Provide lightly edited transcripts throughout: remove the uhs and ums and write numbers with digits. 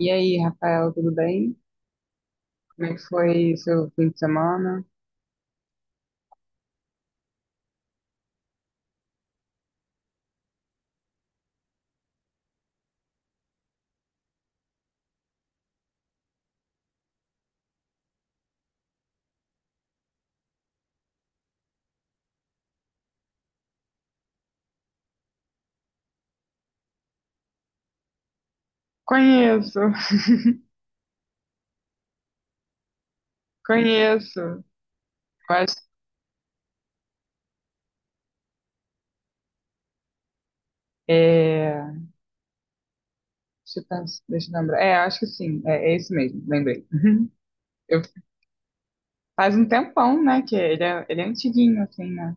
E aí, Rafael, tudo bem? Como é que foi seu fim de semana? Conheço, conheço. Acho, deixa deixa eu lembrar. É, acho que sim, é esse mesmo, lembrei. Eu, faz um tempão, né, que ele é antiguinho, assim, né?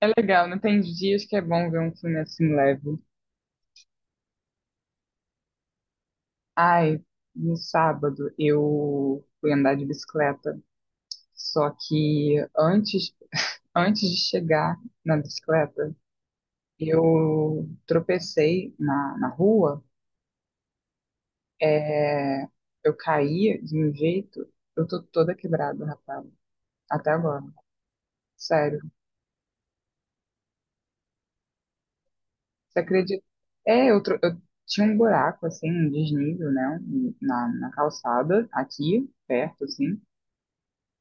É legal, não tem dias que é bom ver um filme assim leve. Ai, no sábado eu fui andar de bicicleta, só que antes de chegar na bicicleta, eu tropecei na rua, é, eu caí de um jeito, eu tô toda quebrada, rapaz, até agora, sério. Você acredita? Eu tinha um buraco, assim, um desnível, né, na calçada, aqui, perto, assim.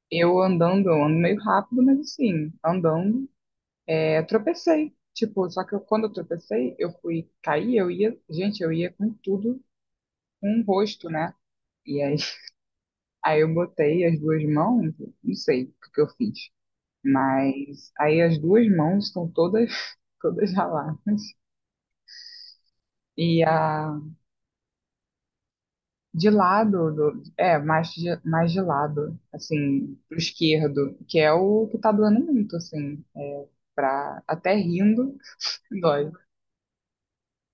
Eu andando, eu ando meio rápido, mas assim, andando, é, tropecei. Tipo, só que eu, quando eu tropecei, eu fui cair, eu ia, gente, eu ia com tudo, com o rosto, né? E aí Aí eu botei as duas mãos, não sei o que que eu fiz, mas aí as duas mãos estão todas, todas raladas. E a De lado, é, mais de lado, assim, pro esquerdo, que é o que tá doendo muito, assim, é, pra, até rindo, dói.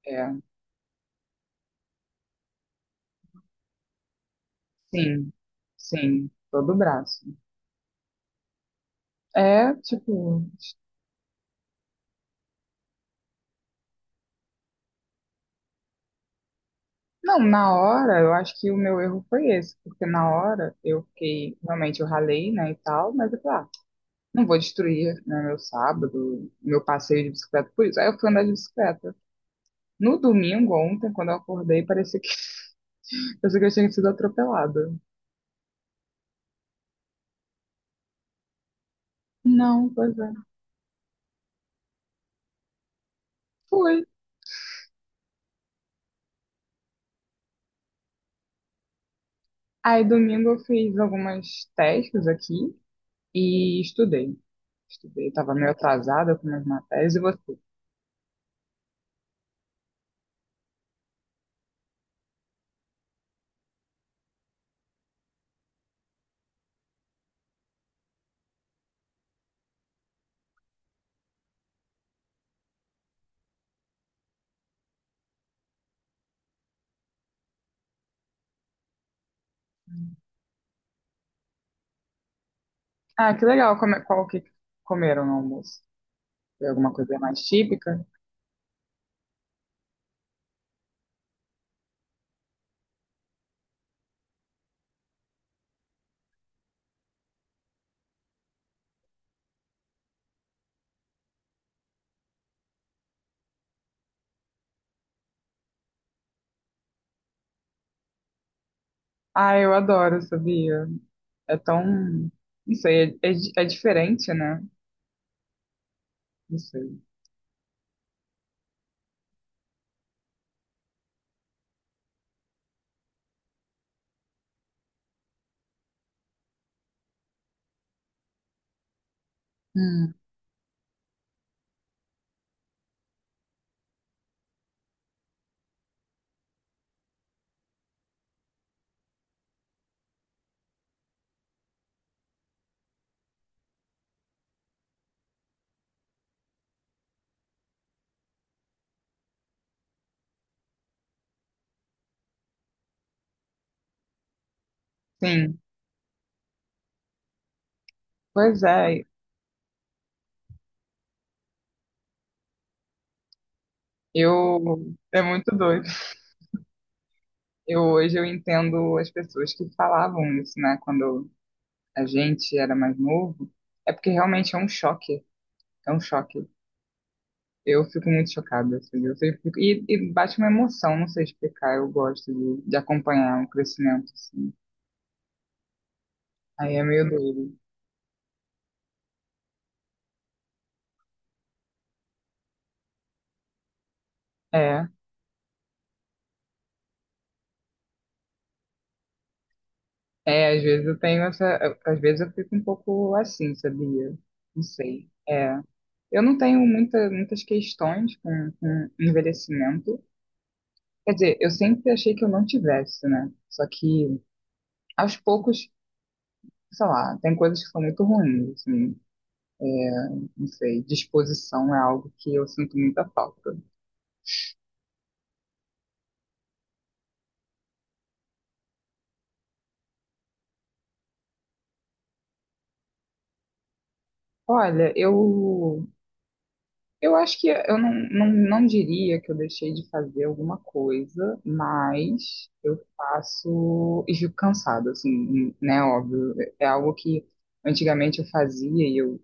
É, sim, sim, todo o braço. É, tipo, não, na hora, eu acho que o meu erro foi esse, porque na hora eu fiquei, realmente eu ralei, né, e tal, mas eu falei, ah, não vou destruir, né, meu sábado, meu passeio de bicicleta por isso. Aí eu fui andar de bicicleta. No domingo, ontem, quando eu acordei, parecia que, parecia que eu tinha sido atropelada. Não, pois é. Fui. Aí domingo eu fiz algumas testes aqui e estudei. Estudei, tava meio atrasada com umas matérias e você. Ah, que legal. Qual que comeram no almoço? Foi alguma coisa mais típica? Ah, eu adoro, sabia? É tão. Não sei, é diferente, né? Não sei. Hum, sim. Pois é, eu é muito doido. Eu entendo as pessoas que falavam isso, né? Quando a gente era mais novo, é porque realmente é um choque. É um choque. Eu fico muito chocada, assim, e, bate uma emoção, não sei explicar. Eu gosto de acompanhar o crescimento, assim. Aí é meio doido. É. É, às vezes eu tenho essa. Às vezes eu fico um pouco assim, sabia? Não sei. É. Eu não tenho muitas questões com envelhecimento. Quer dizer, eu sempre achei que eu não tivesse, né? Só que aos poucos, sei lá, tem coisas que são muito ruins, assim, não sei. Disposição é algo que eu sinto muita falta. Olha, eu acho que eu não diria que eu deixei de fazer alguma coisa, mas eu faço e fico cansada, assim, né? Óbvio. É algo que antigamente eu fazia e eu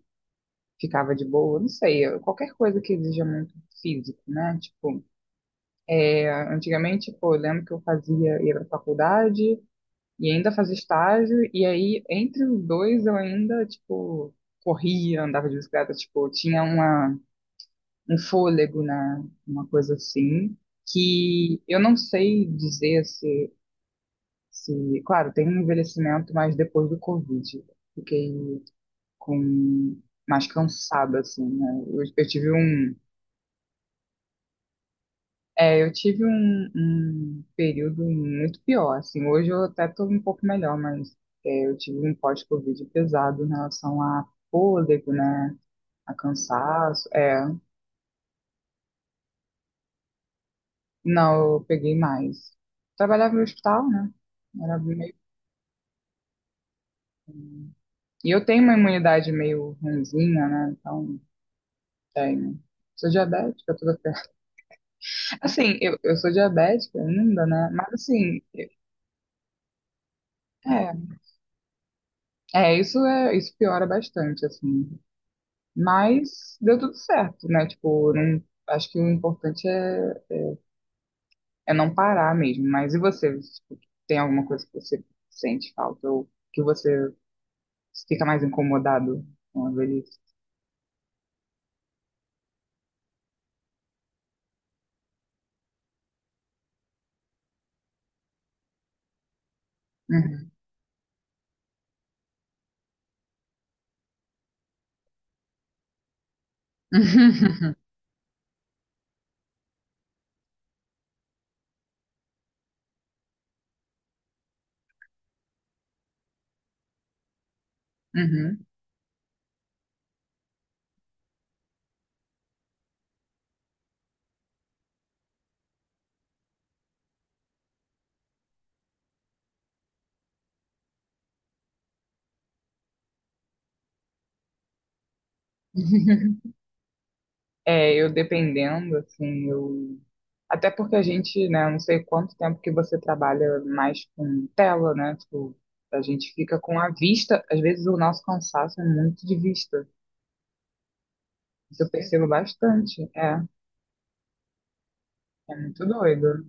ficava de boa, não sei, qualquer coisa que exija muito físico, né? Tipo, é, antigamente, pô, eu lembro que eu fazia, ia pra faculdade e ainda fazia estágio, e aí entre os dois eu ainda, tipo, corria, andava de bicicleta, tipo, tinha uma um fôlego, né? Uma coisa assim, que eu não sei dizer se, claro, tem um envelhecimento, mas depois do Covid, fiquei com mais cansada, assim, né? Eu tive eu tive um, um período muito pior, assim. Hoje eu até tô um pouco melhor, mas é, eu tive um pós-Covid pesado em relação a fôlego, né? A cansaço, é, não, eu peguei mais. Trabalhava no hospital, né? Era meio... E eu tenho uma imunidade meio ruinzinha, né? Então, tenho. Sou diabética, toda ferrada. Assim, eu sou diabética ainda, né? Mas, assim, é, isso é, isso piora bastante, assim. Mas deu tudo certo, né? Tipo, não, acho que o importante é não parar mesmo. Mas e você? Tipo, tem alguma coisa que você sente falta ou que você fica mais incomodado com a velhice? Uhum. Uhum. É, eu dependendo, assim, eu. Até porque a gente, né, não sei quanto tempo que você trabalha mais com tela, né? Tipo, a gente fica com a vista, às vezes o nosso cansaço é muito de vista. Isso eu percebo bastante. É, é muito doido.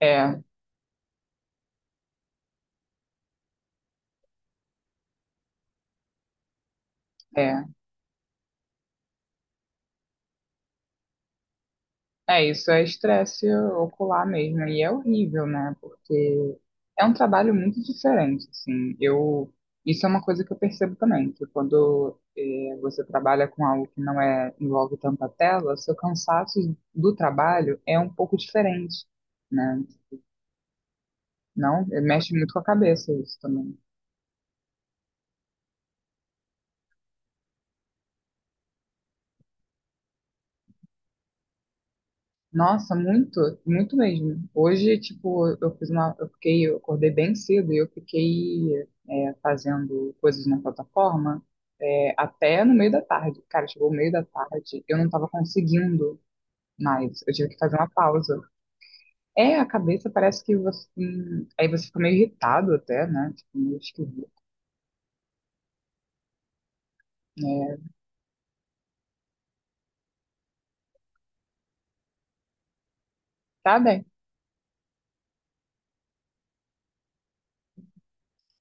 É, é. É, isso é estresse ocular mesmo, e é horrível, né? Porque é um trabalho muito diferente, assim. Eu, isso é uma coisa que eu percebo também, que quando você trabalha com algo que não é, envolve tanta tela, seu cansaço do trabalho é um pouco diferente, né? Não, mexe muito com a cabeça isso também. Nossa, muito, muito mesmo. Hoje, tipo, eu fiquei, eu acordei bem cedo e eu fiquei é, fazendo coisas na plataforma é, até no meio da tarde. Cara, chegou o meio da tarde, eu não tava conseguindo mais. Eu tive que fazer uma pausa. É, a cabeça parece que você, aí você fica meio irritado até, né? Tipo, meio esquisito. Tá